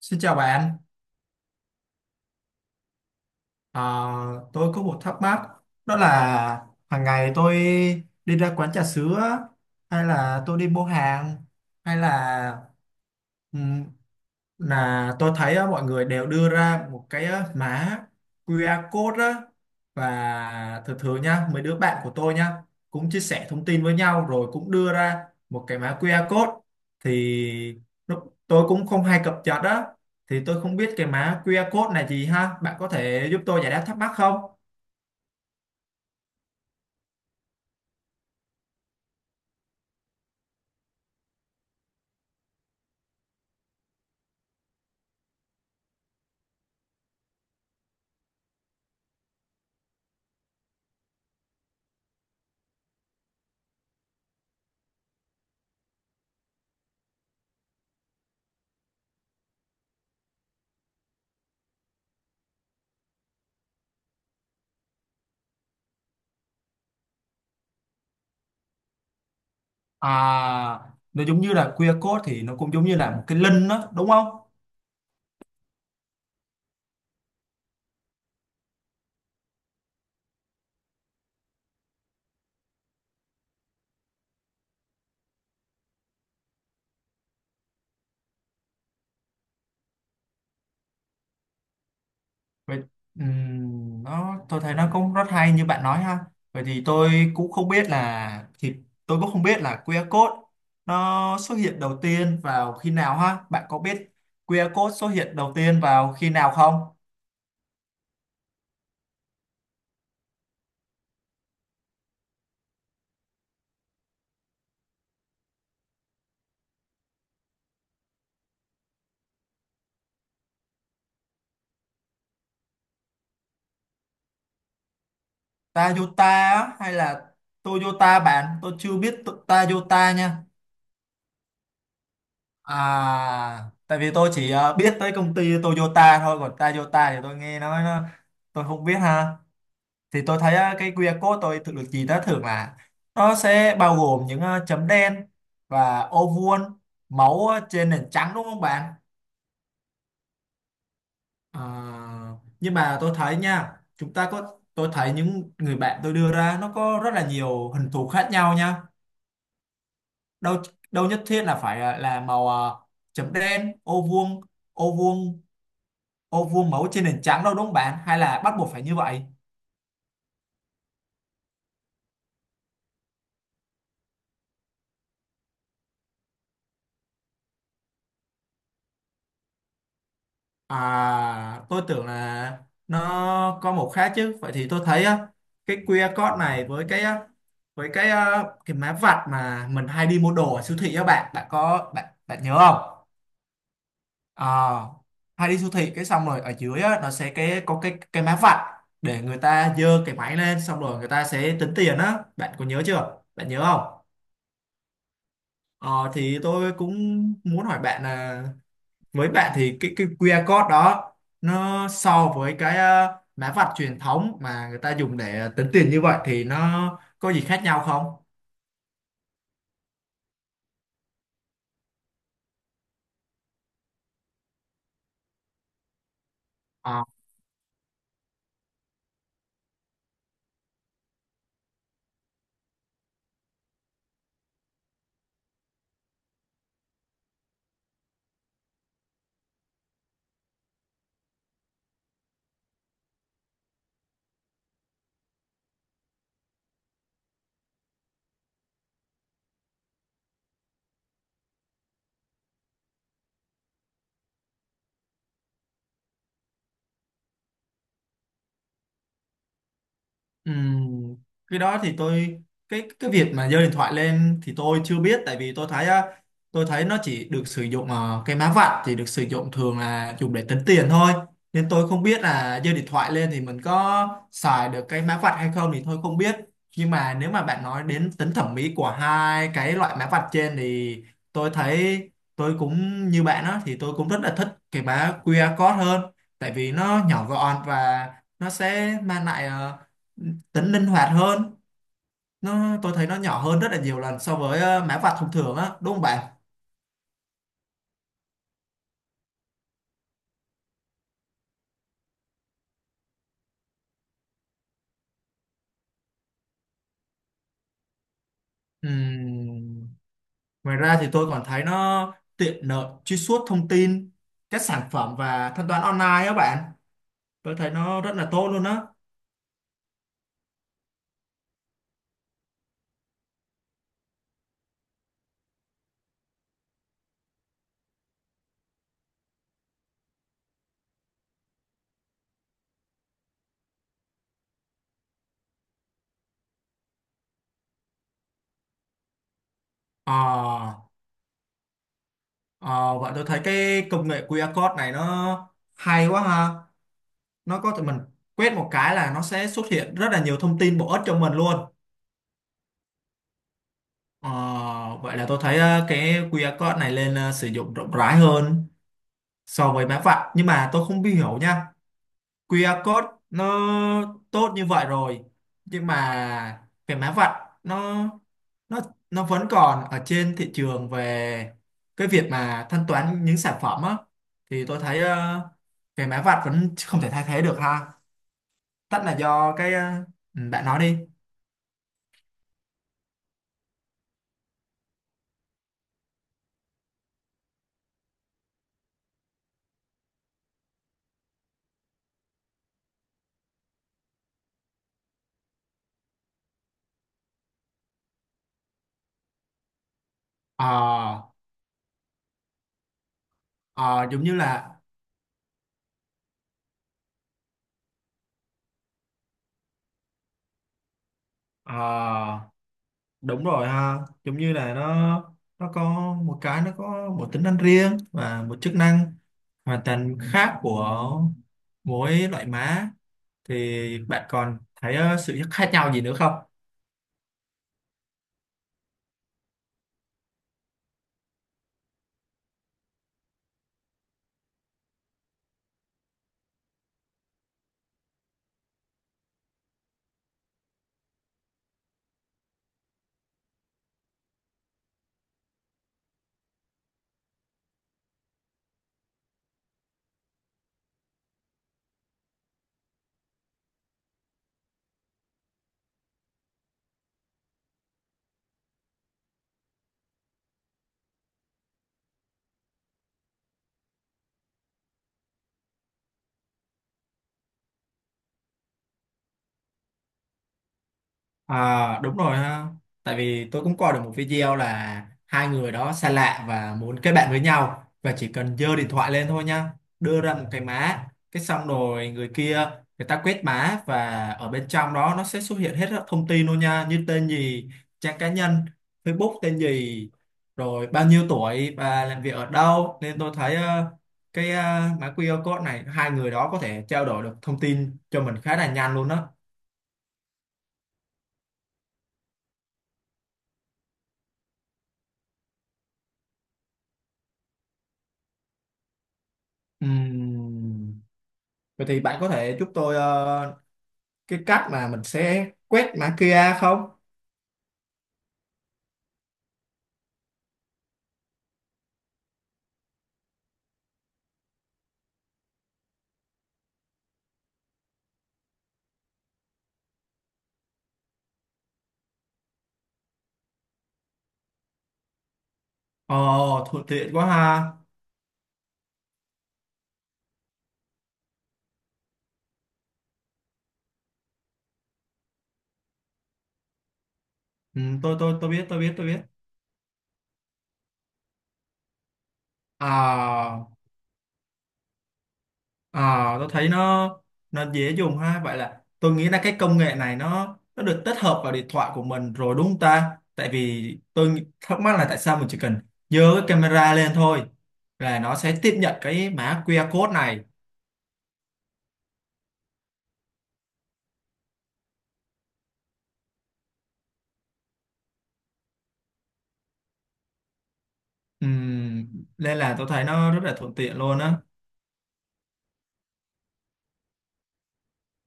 Xin chào bạn. Ờ, tôi có một thắc mắc, đó là hàng ngày tôi đi ra quán trà sữa hay là tôi đi mua hàng hay là tôi thấy á, mọi người đều đưa ra một cái á, mã QR code á. Và thường thường nha, mấy đứa bạn của tôi nha, cũng chia sẻ thông tin với nhau rồi cũng đưa ra một cái mã QR code. Thì lúc tôi cũng không hay cập nhật á, thì tôi không biết cái mã QR code này gì, ha bạn có thể giúp tôi giải đáp thắc mắc không? À, nó giống như là QR code thì nó cũng giống như là một cái link đó đúng không? Vậy nó tôi thấy nó cũng rất hay như bạn nói ha. Vậy thì tôi cũng không biết là QR code nó xuất hiện đầu tiên vào khi nào ha. Bạn có biết QR code xuất hiện đầu tiên vào khi nào không? Toyota á, hay là Toyota bạn? Tôi chưa biết Toyota nha. À, tại vì tôi chỉ biết tới công ty Toyota thôi, còn Toyota thì tôi nghe nói nó tôi không biết ha. Thì tôi thấy cái QR code tôi tự được gì đó thường là nó sẽ bao gồm những chấm đen và ô vuông máu trên nền trắng đúng không bạn? Ờ, nhưng mà tôi thấy nha, chúng ta có tôi thấy những người bạn tôi đưa ra nó có rất là nhiều hình thù khác nhau nha, đâu đâu nhất thiết là phải là màu chấm đen ô vuông ô vuông ô vuông máu trên nền trắng đâu đúng không bạn, hay là bắt buộc phải như vậy? À, tôi tưởng là nó có một khác chứ. Vậy thì tôi thấy á, cái QR code này với cái mã vạch mà mình hay đi mua đồ ở siêu thị á bạn, bạn có bạn bạn nhớ không? À, hay đi siêu thị cái xong rồi ở dưới á, nó sẽ cái có cái mã vạch để người ta giơ cái máy lên xong rồi người ta sẽ tính tiền á. Bạn có nhớ chưa? Bạn nhớ không? Ờ thì tôi cũng muốn hỏi bạn là với bạn thì cái QR code đó nó so với cái mã vạch truyền thống mà người ta dùng để tính tiền như vậy thì nó có gì khác nhau không? Ừm, cái đó thì tôi cái việc mà giơ điện thoại lên thì tôi chưa biết, tại vì tôi thấy á, tôi thấy nó chỉ được sử dụng cái má vạch thì được sử dụng thường là dùng để tính tiền thôi, nên tôi không biết là giơ điện thoại lên thì mình có xài được cái má vạch hay không thì tôi không biết. Nhưng mà nếu mà bạn nói đến tính thẩm mỹ của hai cái loại má vạch trên thì tôi thấy tôi cũng như bạn đó, thì tôi cũng rất là thích cái má QR code hơn, tại vì nó nhỏ gọn và nó sẽ mang lại tính linh hoạt hơn. Nó tôi thấy nó nhỏ hơn rất là nhiều lần so với mã vạch thông thường á đúng không bạn? Ừm, Ngoài ra thì tôi còn thấy nó tiện lợi truy xuất thông tin các sản phẩm và thanh toán online á bạn, tôi thấy nó rất là tốt luôn á. ờ ờ, Vậy tôi thấy cái công nghệ QR code này nó hay quá ha, nó có thể mình quét một cái là nó sẽ xuất hiện rất là nhiều thông tin bổ ích cho mình luôn. Ờ, Vậy là tôi thấy cái QR code này lên sử dụng rộng rãi hơn so với mã vạch. Nhưng mà tôi không hiểu nha, QR code nó tốt như vậy rồi nhưng mà cái mã vạch nó nó nó vẫn còn ở trên thị trường về cái việc mà thanh toán những sản phẩm á, thì tôi thấy cái mã vạch vẫn không thể thay thế được ha, tất là do cái ừ, bạn nói đi. ờ ờ, Giống như là ờ đúng rồi ha, giống như là nó có một cái, nó có một tính năng riêng và một chức năng hoàn toàn khác của mỗi loại má. Thì bạn còn thấy sự khác nhau gì nữa không? À, đúng rồi ha. Tại vì tôi cũng coi được một video là hai người đó xa lạ và muốn kết bạn với nhau, và chỉ cần giơ điện thoại lên thôi nha, đưa ra một cái mã, cái xong rồi người kia người ta quét mã và ở bên trong đó nó sẽ xuất hiện hết các thông tin luôn nha, như tên gì, trang cá nhân, Facebook tên gì, rồi bao nhiêu tuổi và làm việc ở đâu. Nên tôi thấy mã QR code này hai người đó có thể trao đổi được thông tin cho mình khá là nhanh luôn đó. Ừm, Vậy thì bạn có thể giúp tôi cái cách mà mình sẽ quét mã QR không? Ồ, thuận tiện quá ha. Ừ, tôi biết, tôi biết. À, à tôi thấy nó dễ dùng ha. Vậy là tôi nghĩ là cái công nghệ này nó được tích hợp vào điện thoại của mình rồi đúng không ta? Tại vì tôi thắc mắc là tại sao mình chỉ cần giơ cái camera lên thôi là nó sẽ tiếp nhận cái mã QR code này. Ừm, Nên là tôi thấy nó rất là thuận tiện luôn á.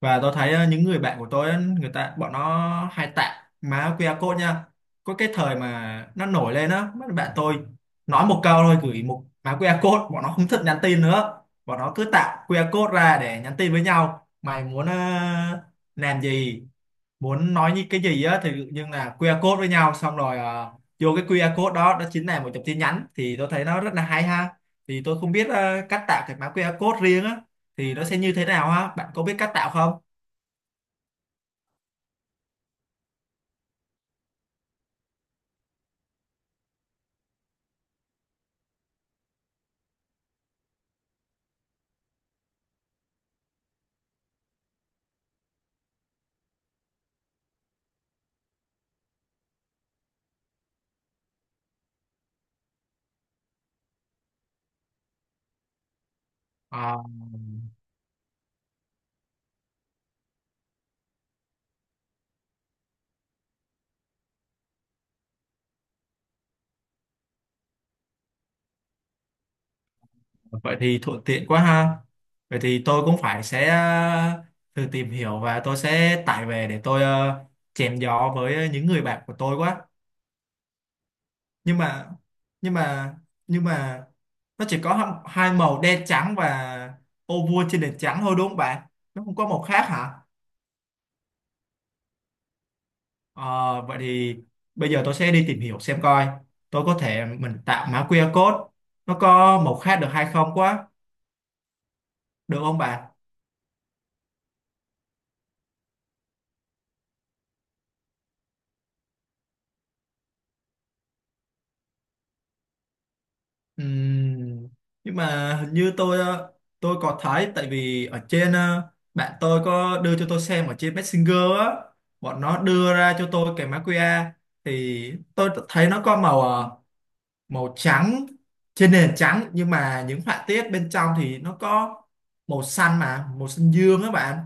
Và tôi thấy những người bạn của tôi á, người ta bọn nó hay tặng má QR code nha. Có cái thời mà nó nổi lên á, mấy bạn tôi nói một câu thôi gửi một má QR code, bọn nó không thích nhắn tin nữa, bọn nó cứ tạo QR code ra để nhắn tin với nhau. Mày muốn làm gì, muốn nói những cái gì á thì nhưng là QR code với nhau xong rồi vô cái QR code đó đó chính là một dòng tin nhắn. Thì tôi thấy nó rất là hay ha. Thì tôi không biết cách tạo cái mã QR code riêng á thì nó sẽ như thế nào ha, bạn có biết cách tạo không? À, vậy thì thuận tiện quá ha. Vậy thì tôi cũng phải sẽ thử tìm hiểu và tôi sẽ tải về để tôi chém gió với những người bạn của tôi quá. Nhưng mà nhưng mà nhưng mà nó chỉ có hai màu đen trắng và ô vuông trên nền trắng thôi đúng không bạn? Nó không có màu khác hả? Ờ, vậy thì bây giờ tôi sẽ đi tìm hiểu xem coi. Tôi có thể mình tạo mã QR code nó có màu khác được hay không quá. Được không bạn? Ừm, nhưng mà hình như tôi tôi có thấy, tại vì ở trên bạn tôi có đưa cho tôi xem ở trên Messenger á, bọn nó đưa ra cho tôi cái mã QR, thì tôi thấy nó có màu màu trắng trên nền trắng, nhưng mà những họa tiết bên trong thì nó có màu xanh mà màu xanh dương á bạn.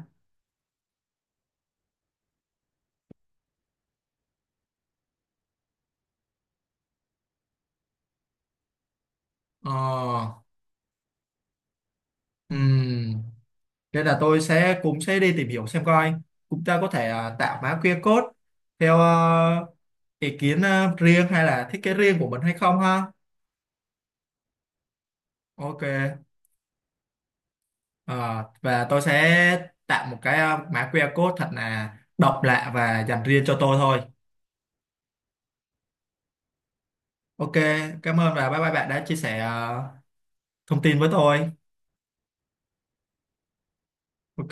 ờ ừm Nên là tôi sẽ cũng sẽ đi tìm hiểu xem coi chúng ta có thể à, tạo mã QR code theo ý kiến riêng hay là thiết kế riêng của mình hay không ha. Ok. Ờ, và tôi sẽ tạo một cái mã QR code thật là độc lạ và dành riêng cho tôi thôi. Ok, cảm ơn và bye bye bạn đã chia sẻ thông tin với tôi. Ok.